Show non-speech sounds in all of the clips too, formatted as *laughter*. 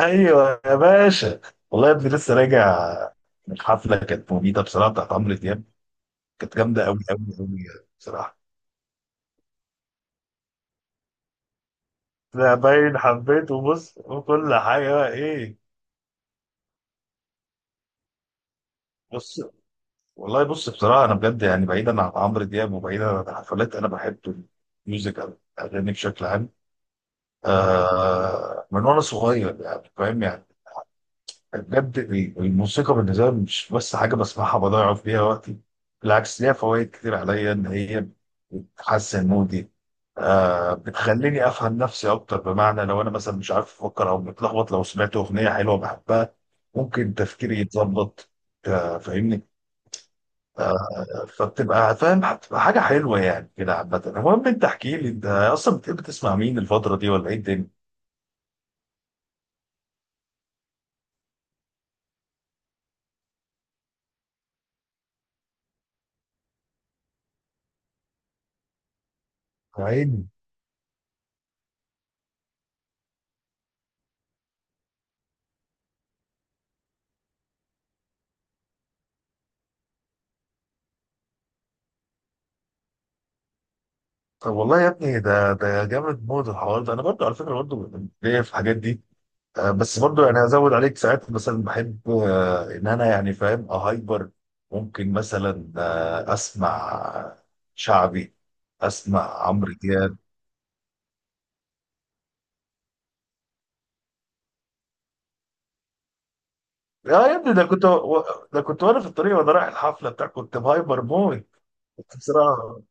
ايوه يا باشا. والله يا ابني لسه راجع من حفله كانت مميته بصراحه بتاعت عمرو دياب. كانت جامده قوي قوي قوي بصراحه. ده باين حبيت وبص وكل حاجه بقى ايه. بص والله، بص بصراحه، انا بجد يعني بعيدا عن عمرو دياب وبعيدا عن الحفلات انا بحب الميوزك أوي، الاغاني بشكل عام. آه، من وانا صغير يعني فاهم يعني. بجد الموسيقى بالنسبه لي مش بس حاجه بسمعها بضيع فيها وقتي، بالعكس ليها فوائد كتير عليا ان هي بتحسن مودي. آه، بتخليني افهم نفسي اكتر، بمعنى لو انا مثلا مش عارف افكر او متلخبط لو سمعت اغنيه حلوه بحبها ممكن تفكيري يتظبط. آه، فاهمني. آه، فبتبقى فاهم، بتبقى حاجه حلوه يعني كده عامه. المهم، انت احكي لي، انت اصلا بتحب تسمع مين الفتره دي ولا ايه الدنيا؟ طب والله يا ابني، ده جامد موت الحوار ده. انا برضو على فكره، برضو ليا في الحاجات دي. بس برضو يعني هزود عليك ساعات مثلا بحب، ان انا يعني فاهم اهايبر، ممكن مثلا اسمع شعبي، اسمع عمرو دياب. يا ابني، ده كنت وانا في الطريق وانا رايح الحفله بتاع، كنت مهايبر موت بصراحه.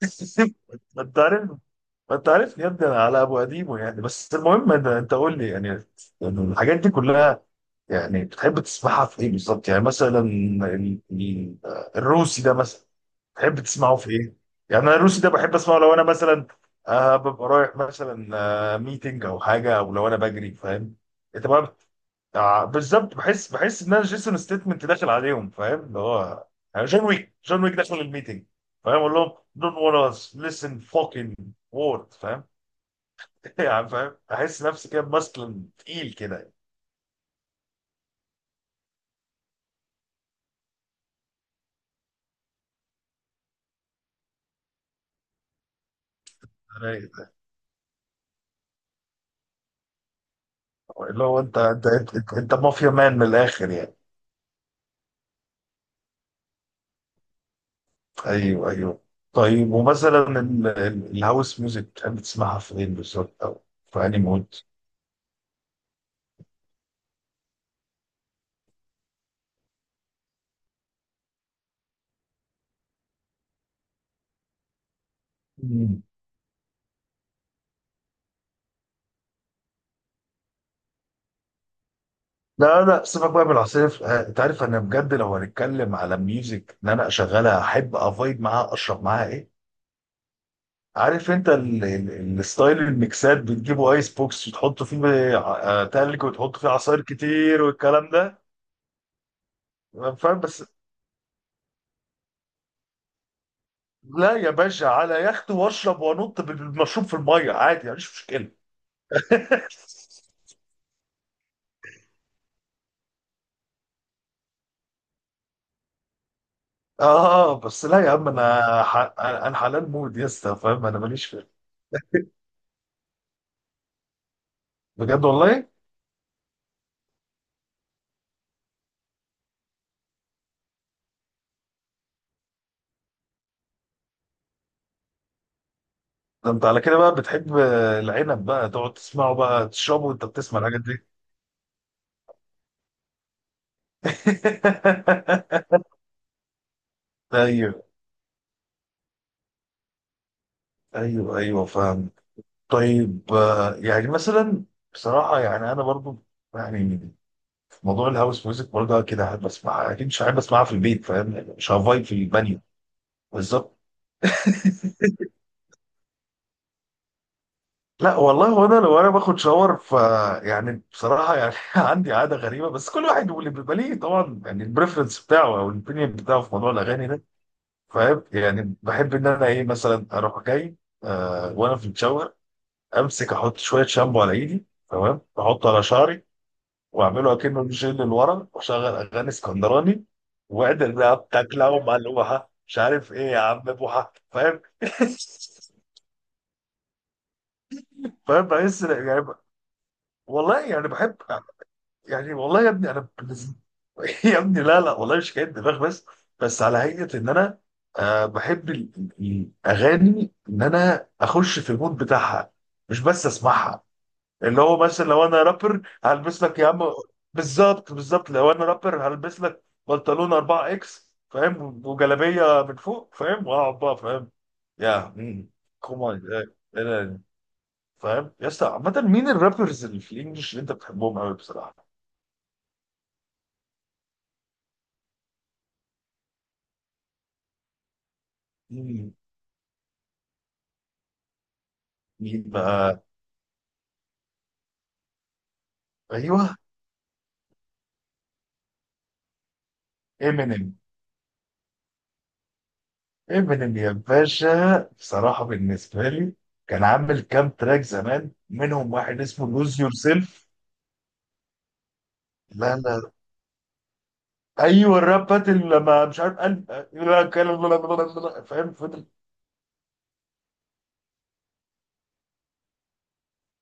*laughs* ما انت عارف ما انت عارفني يا ابني، انا على ابو قديمه يعني. بس المهم إن انت قول لي يعني الحاجات دي كلها يعني بتحب تسمعها في ايه بالظبط. يعني مثلا الروسي ده مثلا، تحب تسمعه في ايه؟ يعني انا الروسي ده بحب اسمعه لو انا مثلا ببقى رايح مثلا ميتنج او حاجه، او لو انا بجري فاهم. انت بقى بالظبط، بحس ان انا جيسون ستيتمنت داخل عليهم، فاهم اللي هو، يعني جون ويك، جون ويك داخل الميتنج، فاهم اقول لهم don't wanna listen fucking word، فاهم؟ *laughs* يعني فاهم، احس نفسي كده ماسكلين تقيل كده يعني. اللي هو انت, مافيا مان من الاخر يعني. ايوه، ايوه. طيب ومثلا الهاوس ميوزك بتحب تسمعها فين بالظبط او في انهي مود؟ مم. لا، لا، سيبك بقى من العصير. انت عارف انا بجد لو هنتكلم على ميوزك، ان انا اشغلها احب افايب معاها، اشرب معاها، ايه؟ عارف انت الستايل، الميكسات بتجيبوا ايس بوكس وتحطوا فيه تلج وتحطوا فيه عصاير كتير والكلام ده فاهم. بس لا يا باشا، على يخت واشرب وانط بالمشروب في الميه عادي، مفيش مشكله. *laughs* اه، بس لا يا عم، انا حلال مود يا اسطى، فاهم انا ماليش فيه. بجد والله. ده انت على كده بقى بتحب العنب، بقى تقعد تسمعه بقى تشربه وانت بتسمع الحاجات دي. *laughs* ايوه، ايوه، ايوه، فاهم. طيب يعني مثلا، بصراحه يعني انا برضو، يعني في موضوع الهاوس ميوزك برضه كده احب اسمعها اكيد. مش احب اسمعها في البيت، فاهم يعني، مش هفايب في البانيو. بالظبط. لا والله، هو انا لو انا باخد شاور ف، يعني بصراحه يعني *laughs* عندي عاده غريبه بس كل واحد واللي بيبقى ليه طبعا يعني البريفرنس بتاعه او الاوبينيون بتاعه في موضوع الاغاني ده. فاهم يعني بحب ان انا ايه مثلا، اروح جاي وانا في الشاور، امسك احط شويه شامبو على ايدي، تمام، احطه على شعري، واعمله اكنه الجيل اللي ورا، واشغل اغاني اسكندراني، وادر بقى بتاكلها ملوحه، مش عارف ايه، يا عم بوحه، فاهم؟ *laughs* فاهم بحس يعني. والله يعني بحب يعني، والله يا ابني انا *laughs* يا ابني لا، لا والله مش حكايه دماغ بس على هيئه ان انا، بحب الاغاني، ان انا اخش في المود بتاعها، مش بس اسمعها. اللي هو مثلا لو انا رابر هلبس لك يا عم. بالظبط بالظبط، لو انا رابر هلبس لك بنطلون 4 اكس فاهم، وجلابيه من فوق فاهم، واقعد بقى فاهم يا كومان. فاهم يا اسطى. عامه مين الرابرز اللي في الانجليش اللي انت بتحبهم قوي بصراحه؟ مين بقى؟ ايوه امينيم. امينيم يا باشا بصراحه، بالنسبه لي كان عامل كام تراك زمان، منهم واحد اسمه لوز يور سيلف. لا، لا، ايوه الراب باتل، لما مش عارف قلب، لا كان- لا- لا- لا- لا- فاهم فضل.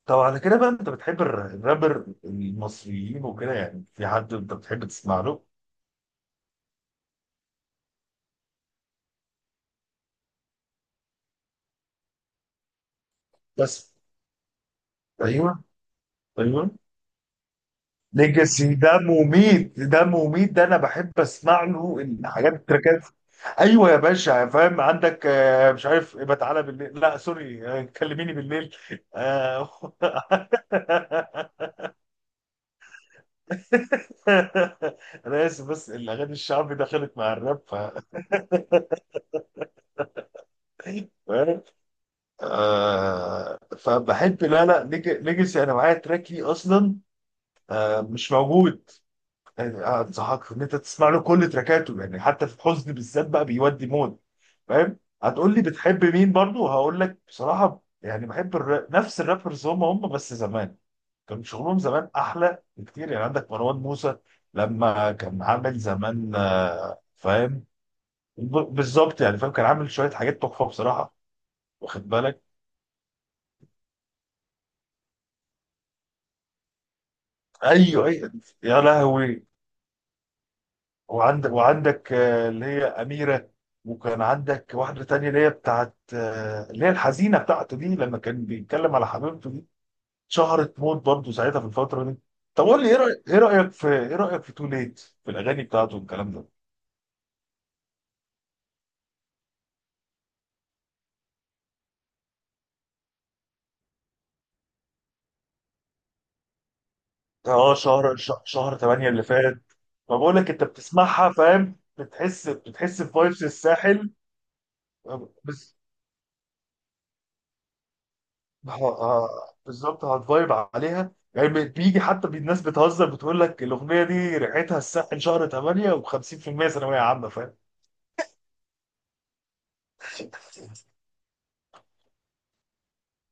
طب على كده بقى انت بتحب الرابر المصريين وكده، يعني في حد انت بتحب تسمع له؟ بس، ايوه، ايوه. ليجاسي ده مميت، ده مميت ده، انا بحب اسمع له الحاجات، التراكات. ايوه يا باشا فاهم، عندك مش عارف، يبقى تعالى بالليل، لا سوري، كلميني بالليل. آه، *laughs* انا اسف بس الاغاني الشعبي دخلت مع الراب فاهم. فبحب، لا، لا، ليجاسي انا معايا تراك ليه اصلا، مش موجود يعني. انصحك ان انت تسمع له كل تراكاته، يعني حتى في الحزن بالذات بقى بيودي مود فاهم. هتقول لي بتحب مين برضو، هقول لك بصراحه يعني بحب نفس الرابرز، هم بس زمان كان شغلهم زمان احلى بكتير. يعني عندك مروان موسى لما كان عامل زمان، فاهم، بالظبط، يعني فاهم كان عامل شويه حاجات تحفه بصراحه، واخد بالك؟ ايوه، ايوه. يا لهوي. وعندك اللي هي أميرة. وكان عندك واحدة تانية اللي هي بتاعت اللي هي الحزينة بتاعته دي، لما كان بيتكلم على حبيبته دي، شهرت موت برضه ساعتها في الفترة دي. طب قول لي، ايه رأيك في تو ليت، في الأغاني بتاعته والكلام ده. اه شهر شهر 8 اللي فات. فبقول لك انت بتسمعها فاهم، بتحس بفايبس الساحل. بالظبط، هتفايب عليها، يعني بيجي حتى الناس بتهزر بتقول لك الاغنيه دي ريحتها الساحل شهر 8 و50% ثانويه عامه، فاهم؟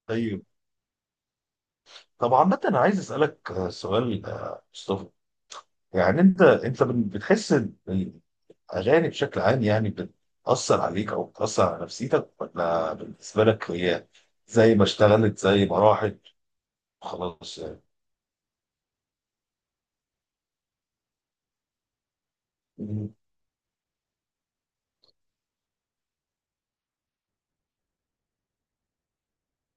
طيب طب عامة أنا عايز أسألك سؤال، مصطفى. يعني أنت بتحس إن الأغاني بشكل عام يعني بتأثر عليك أو بتأثر على نفسيتك، ولا بالنسبة لك هي زي ما اشتغلت زي ما راحت؟ خلاص. يعني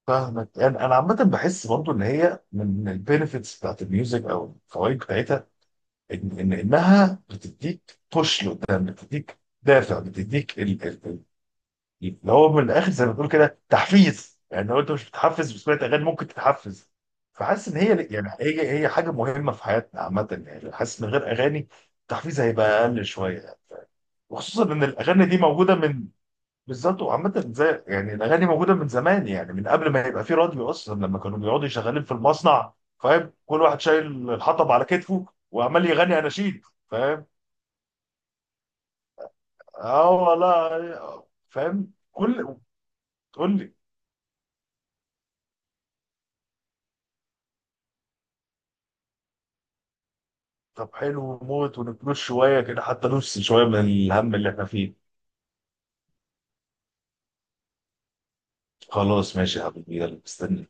فاهمك يعني. انا عامه بحس برضو ان هي من البينفيتس بتاعت الميوزك، او الفوائد بتاعتها، إن انها بتديك بوش لقدام، بتديك دافع، بتديك اللي هو من الاخر زي ما بتقول كده تحفيز. يعني لو انت مش بتحفز بسمعة اغاني ممكن تتحفز. فحاسس ان هي، يعني هي حاجه مهمه في حياتنا عامه يعني. حاسس من غير اغاني التحفيز هيبقى اقل شويه، وخصوصا ان الاغاني دي موجوده من، بالظبط. وعامة زي يعني الأغاني موجودة من زمان، يعني من قبل ما يبقى في راديو أصلا، لما كانوا بيقعدوا شغالين في المصنع، فاهم، كل واحد شايل الحطب على كتفه وعمال يغني أناشيد، فاهم. اه والله فاهم، كل تقول لي. طب حلو موت، ونفلوس شوية كده حتى نفس شوية من الهم اللي احنا فيه. خلاص ماشي يا حبيبي، يلا مستني.